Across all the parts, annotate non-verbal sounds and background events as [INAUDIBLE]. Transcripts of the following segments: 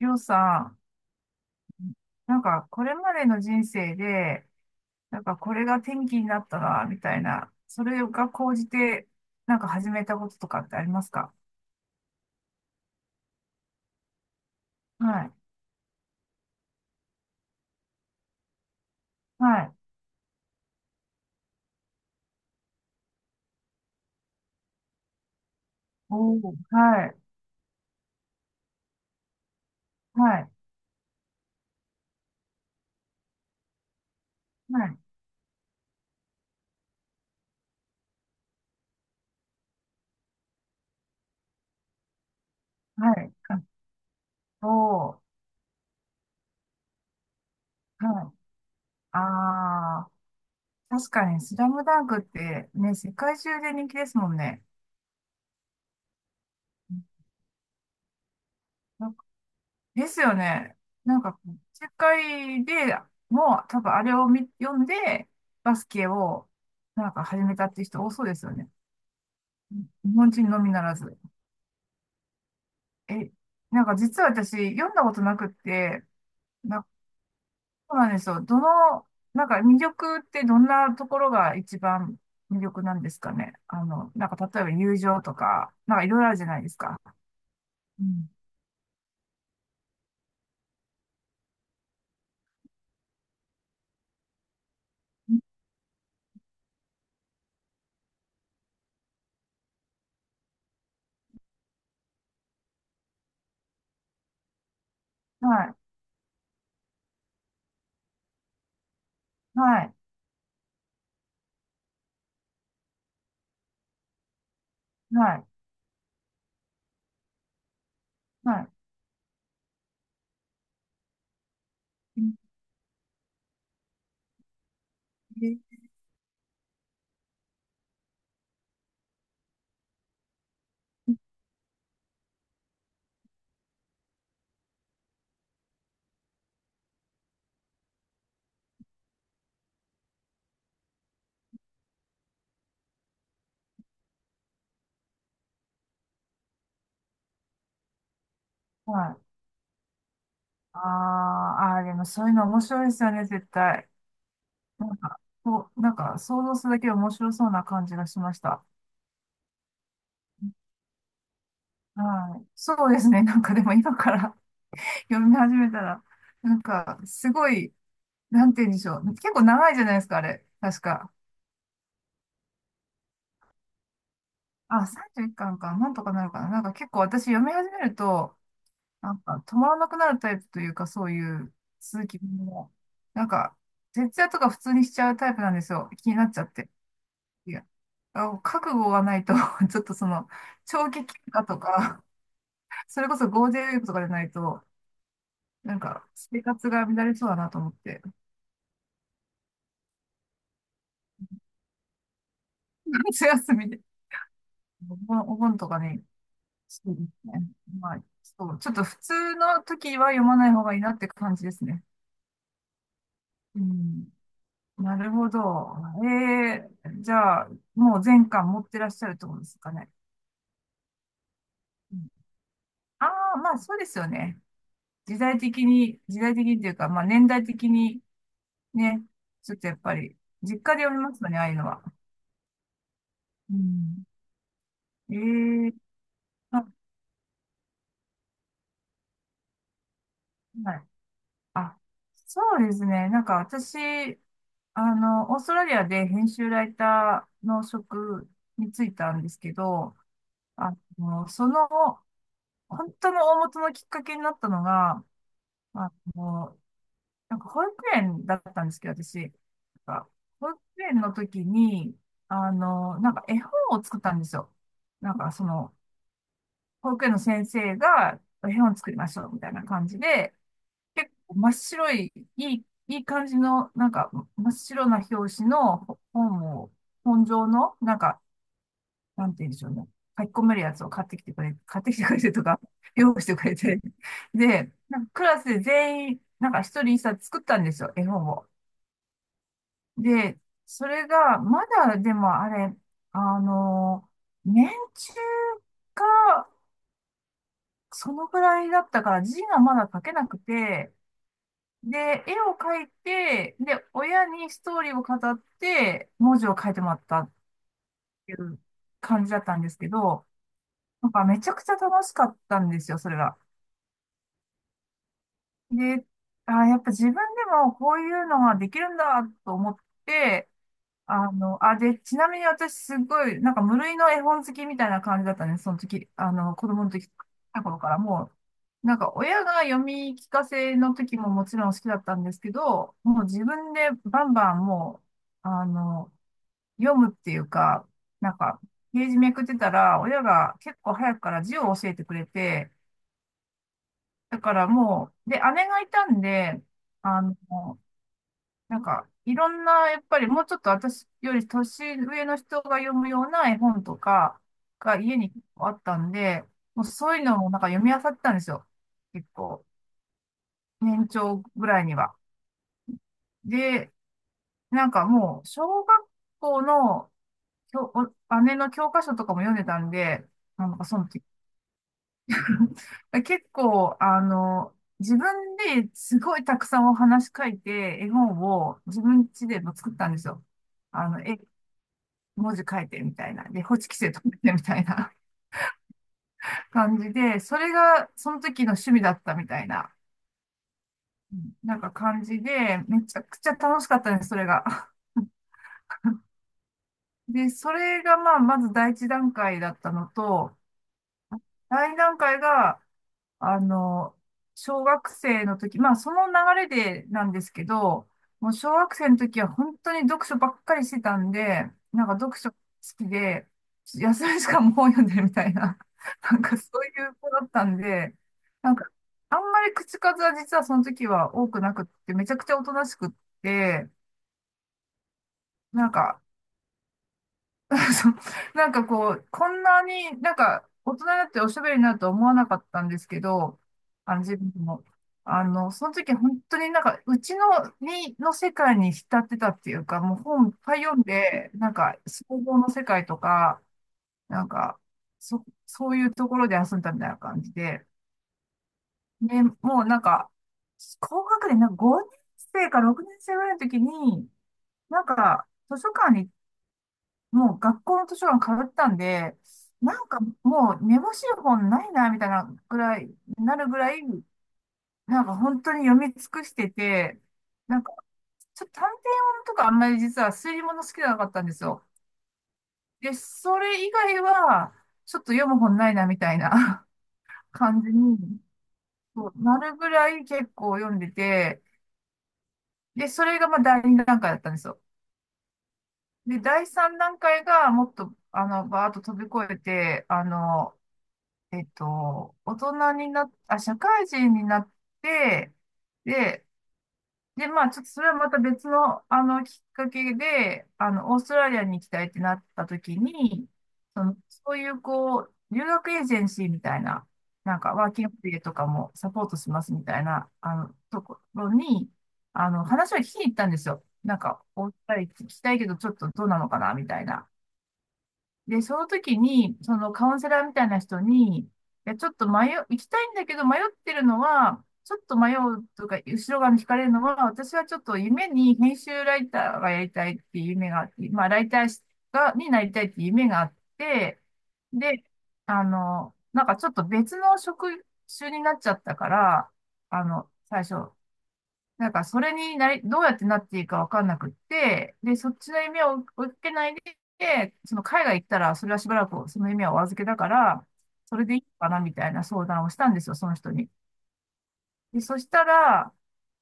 りょうさん、なんかこれまでの人生で、なんかこれが転機になったな、みたいな、それが高じて、なんか始めたこととかってありますか？はい。はい。おー、はい。はい。はい。はい。あおー、はい。あー、確かにスラムダンクってね、世界中で人気ですもんね。ですよね。なんか世界でもう多分あれを見読んで、バスケをなんか始めたって人多そうですよね。日本人のみならず。え、なんか実は私読んだことなくって、な、そうなんですよ。なんか魅力ってどんなところが一番魅力なんですかね。なんか例えば友情とか、なんかいろいろあるじゃないですか。うん。はい。はい。はい。はい。うんはい。あーあー、でもそういうの面白いですよね、絶対。なんか、こう、なんか想像するだけで面白そうな感じがしました。はい。そうですね。[LAUGHS] なんかでも今から [LAUGHS] 読み始めたら、なんかすごい、なんて言うんでしょう。結構長いじゃないですか、あれ。確か。あ、31巻かんか。なんとかなるかな。なんか結構私読み始めると、なんか止まらなくなるタイプというか、そういう続きも、なんか、徹夜とか普通にしちゃうタイプなんですよ。気になっちゃって。いや、覚悟がないと [LAUGHS] ちょっと長期休暇とか、[LAUGHS] それこそゴールデンウィークとかでないと、なんか、生活が乱れそうだなと思って、[LAUGHS] 夏休みで、お盆とかに、そうですね。まあ、そう、ちょっと普通の時は読まない方がいいなって感じですね。うん。なるほど。じゃあ、もう全巻持ってらっしゃるってことですかね。うんああ、まあそうですよね。時代的にというか、まあ年代的にね。ちょっとやっぱり、実家で読みますよね、ああいうのは。うん。ええあ、はい。あ、そうですね。なんか私、オーストラリアで編集ライターの職に就いたんですけど、あの、その、本当の大元のきっかけになったのが、あの、なんか保育園だったんですけど、私、なんか保育園の時に、なんか絵本を作ったんですよ。なんか保育園の先生が絵本作りましょうみたいな感じで、結構真っ白い、いい感じの、なんか真っ白な表紙の本を、本上の、なんか、なんて言うんでしょうね。書き込めるやつを買ってきてくれてとか、[LAUGHS] 用意してくれて。で、なんかクラスで全員、なんか一人一冊作ったんですよ、絵本を。で、それが、まだでもあれ、あの、年中、かそのぐらいだったから、字がまだ書けなくて、で、絵を描いて、で、親にストーリーを語って、文字を書いてもらったっていう感じだったんですけど、なんかめちゃくちゃ楽しかったんですよ、それが。で、やっぱ自分でもこういうのができるんだと思って、で、ちなみに私すごい、なんか無類の絵本好きみたいな感じだったね、その時、子供の時、た頃からもう、なんか親が読み聞かせの時ももちろん好きだったんですけど、もう自分でバンバンもう、読むっていうか、なんか、ページめくってたら、親が結構早くから字を教えてくれて、だからもう、で、姉がいたんで、あの、なんか、いろんな、やっぱりもうちょっと私より年上の人が読むような絵本とかが家にあったんで、もうそういうのもなんか読み漁ってたんですよ。結構、年長ぐらいには。で、なんかもう、小学校の教お姉の教科書とかも読んでたんで、なんかその時、結構、自分ですごいたくさんお話書いて、絵本を自分家でも作ったんですよ。絵文字書いてみたいな。で、ホチキスで留めてみたいな [LAUGHS] 感じで、それがその時の趣味だったみたいな、なんか感じで、めちゃくちゃ楽しかったね、それが。[LAUGHS] で、それがまあ、まず第一段階だったのと、第二段階が、あの、小学生の時、まあその流れでなんですけど、もう小学生の時は本当に読書ばっかりしてたんで、なんか読書好きで、休み時間も本読んでるみたいな、[LAUGHS] なんかそういう子だったんで、なんかあんまり口数は実はその時は多くなくって、めちゃくちゃおとなしくって、なんか [LAUGHS] そうなんかこう、こんなになんか大人になっておしゃべりになるとは思わなかったんですけど、あの自分も。その時本当になんかうちの、に、の世界に浸ってたっていうか、もう本いっぱい読んで、なんか想像の世界とか、なんか、そういうところで遊んだみたいな感じで、ね、もうなんか、高学年、なんか5年生か6年生ぐらいの時に、なんか図書館にもう学校の図書館かぶったんで、なんかもうめぼしい本ないな、みたいなぐらい、なるぐらい、なんか本当に読み尽くしてて、なんかちょっと探偵物とかあんまり実は推理物好きじゃなかったんですよ。で、それ以外は、ちょっと読む本ないな、みたいな [LAUGHS] 感じに、そうなるぐらい結構読んでて、で、それがまあ第二段階だったんですよ。で、第三段階がもっと、バーッと飛び越えて、大人になっ、あ、社会人になって、で、で、まあ、ちょっとそれはまた別の、きっかけで、オーストラリアに行きたいってなった時に、その、そういう、こう、留学エージェンシーみたいな、なんか、ワーキングホリデーとかもサポートしますみたいな、ところに、話を聞きに行ったんですよ。なんか、お二人聞きたいけど、ちょっとどうなのかな、みたいな。で、その時に、そのカウンセラーみたいな人に、いや、ちょっと迷う、行きたいんだけど迷ってるのは、ちょっと迷うとか、後ろ側に惹かれるのは、私はちょっと夢に編集ライターがやりたいっていう夢があって、まあ、ライターが、になりたいっていう夢があって、で、なんかちょっと別の職種になっちゃったから、最初、なんか、それになり、どうやってなっていいかわかんなくって、で、そっちの夢を追いかけないで、その海外行ったら、それはしばらくその夢はお預けだから、それでいいのかなみたいな相談をしたんですよ、その人に。で、そしたら、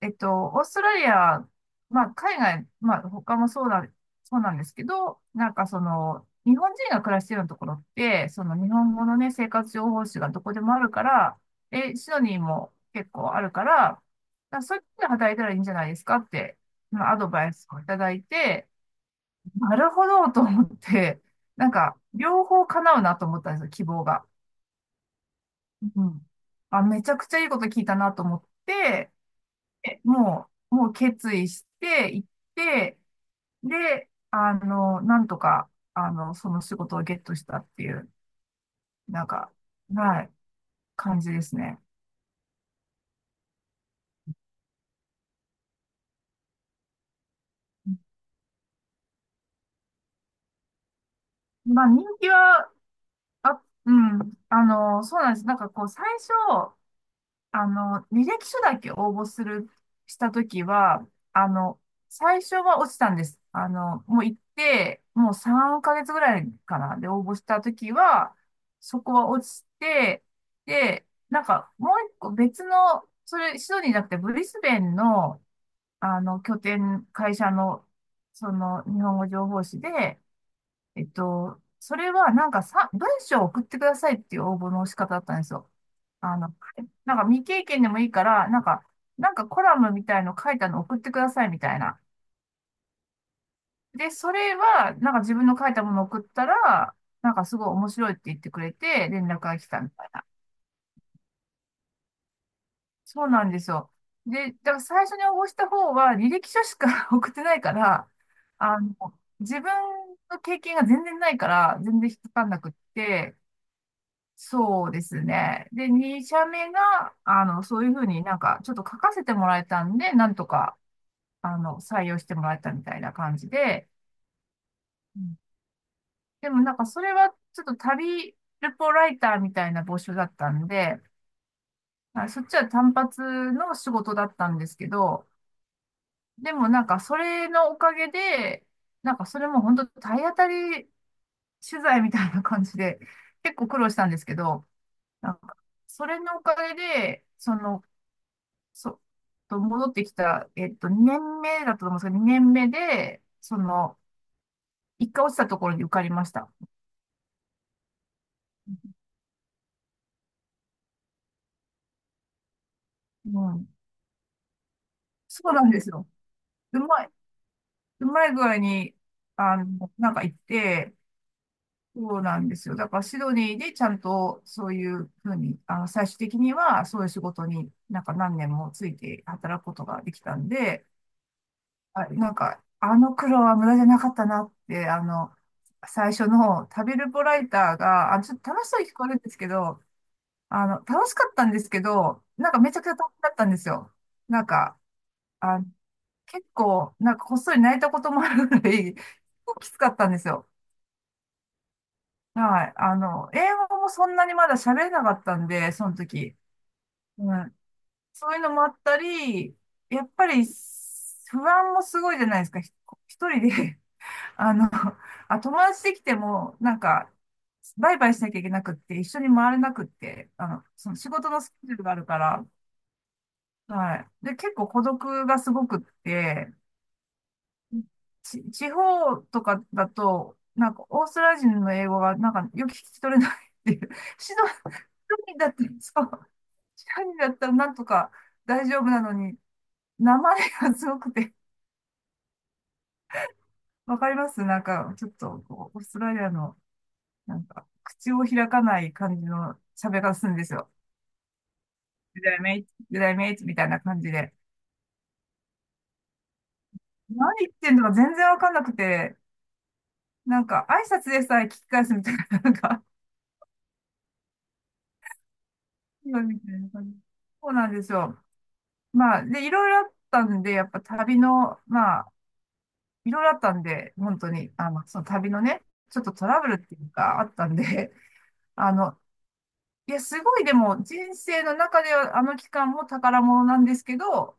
オーストラリア、まあ、海外、まあ、他もそうだ、そうなんですけど、なんかその、日本人が暮らしてるようなところって、その日本語のね、生活情報誌がどこでもあるから、え、シドニーも結構あるから、だからそういうとこで働いたらいいんじゃないですかって、まあ、アドバイスをいただいて、なるほどと思って、なんか、両方叶うなと思ったんですよ、希望が。うん。あ、めちゃくちゃいいこと聞いたなと思って、えもう決意して行って、で、なんとか、その仕事をゲットしたっていう、なんか、はい、感じですね。まあ、人気は、あ、うん、そうなんです。なんかこう、最初、履歴書だけ応募する、したときは、あの、最初は落ちたんです。あの、もう行って、もう3ヶ月ぐらいかな。で、応募したときは、そこは落ちて、で、なんか、もう一個別の、それ、シドニーじゃなくて、ブリスベンの、拠点、会社の、その、日本語情報誌で、それはなんかさ、文章を送ってくださいっていう応募の仕方だったんですよ。あの、なんか未経験でもいいから、なんか、なんかコラムみたいの書いたの送ってくださいみたいな。で、それは、なんか自分の書いたものを送ったら、なんかすごい面白いって言ってくれて、連絡が来たみたいな。そうなんですよ。で、だから最初に応募した方は履歴書しか [LAUGHS] 送ってないから、あの、自分の経験が全然ないから、全然引っかかんなくって、そうですね。で、2社目が、あの、そういうふうになんか、ちょっと書かせてもらえたんで、なんとか、あの、採用してもらえたみたいな感じで、うん。でもなんか、それはちょっと旅ルポライターみたいな募集だったんで、あそっちは単発の仕事だったんですけど、でもなんか、それのおかげで、なんか、それも本当体当たり取材みたいな感じで、結構苦労したんですけど、なんかそれのおかげで、そのそう、と戻ってきた、2年目だったと思うんですけど、2年目で、その、一回落ちたところに受かりました。うん。そうなんですよ。うまい、うまい具合に、なんか行って、そうなんですよ。だからシドニーでちゃんとそういうふうに、あの、最終的にはそういう仕事になんか何年もついて働くことができたんで、あ、なんか、あの苦労は無駄じゃなかったなって、あの、最初の旅ルポライターが、あ、ちょっと楽しそうに聞こえるんですけど、あの、楽しかったんですけど、なんかめちゃくちゃ大変だったんですよ。なんか、あ、結構、なんかこっそり泣いたこともあるぐらい、結構きつかったんですよ。はい。あの、英語もそんなにまだ喋れなかったんで、その時。うん。そういうのもあったり、やっぱり不安もすごいじゃないですか。一人で [LAUGHS] あの、[LAUGHS] あ、友達できても、なんか、バイバイしなきゃいけなくって、一緒に回れなくって、あの、その仕事のスケジュールがあるから、はい。で、結構孤独がすごくって、地方とかだと、なんか、オーストラリア人の英語が、なんか、よく聞き取れないっていう。[LAUGHS] シドニーだったら、そう、シドニーだったらなんとか大丈夫なのに、名前がすごくて、わかりますなんか、ちょっとこう、オーストラリアの、なんか、口を開かない感じの喋り方するんですよ。グぐイメイツみたいな感じで。何言ってんのか全然わかんなくて、なんか、挨拶でさえ聞き返すみたいな、なんか、[LAUGHS] 今みたいな感じ。そうなんですよ。まあ、で、いろいろあったんで、やっぱ旅の、まあ、いろいろあったんで、本当に、その旅のね、ちょっとトラブルっていうか、あったんで、[LAUGHS] あの、いや、すごい、でも、人生の中では、あの期間も宝物なんですけど、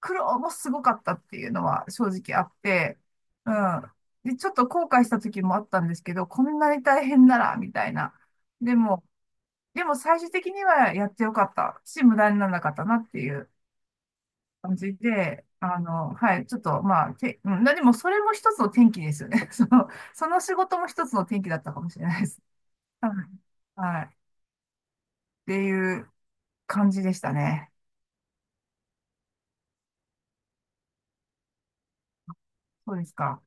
苦労もすごかったっていうのは正直あって、うん。で、ちょっと後悔した時もあったんですけど、こんなに大変なら、みたいな。でも、でも最終的にはやってよかったし、無駄にならなかったなっていう感じで、あの、はい、ちょっと、まあ、て、うん、でもそれも一つの転機ですよね。[LAUGHS] その仕事も一つの転機だったかもしれないです。はい。はいっていう感じでしたね。そうですか。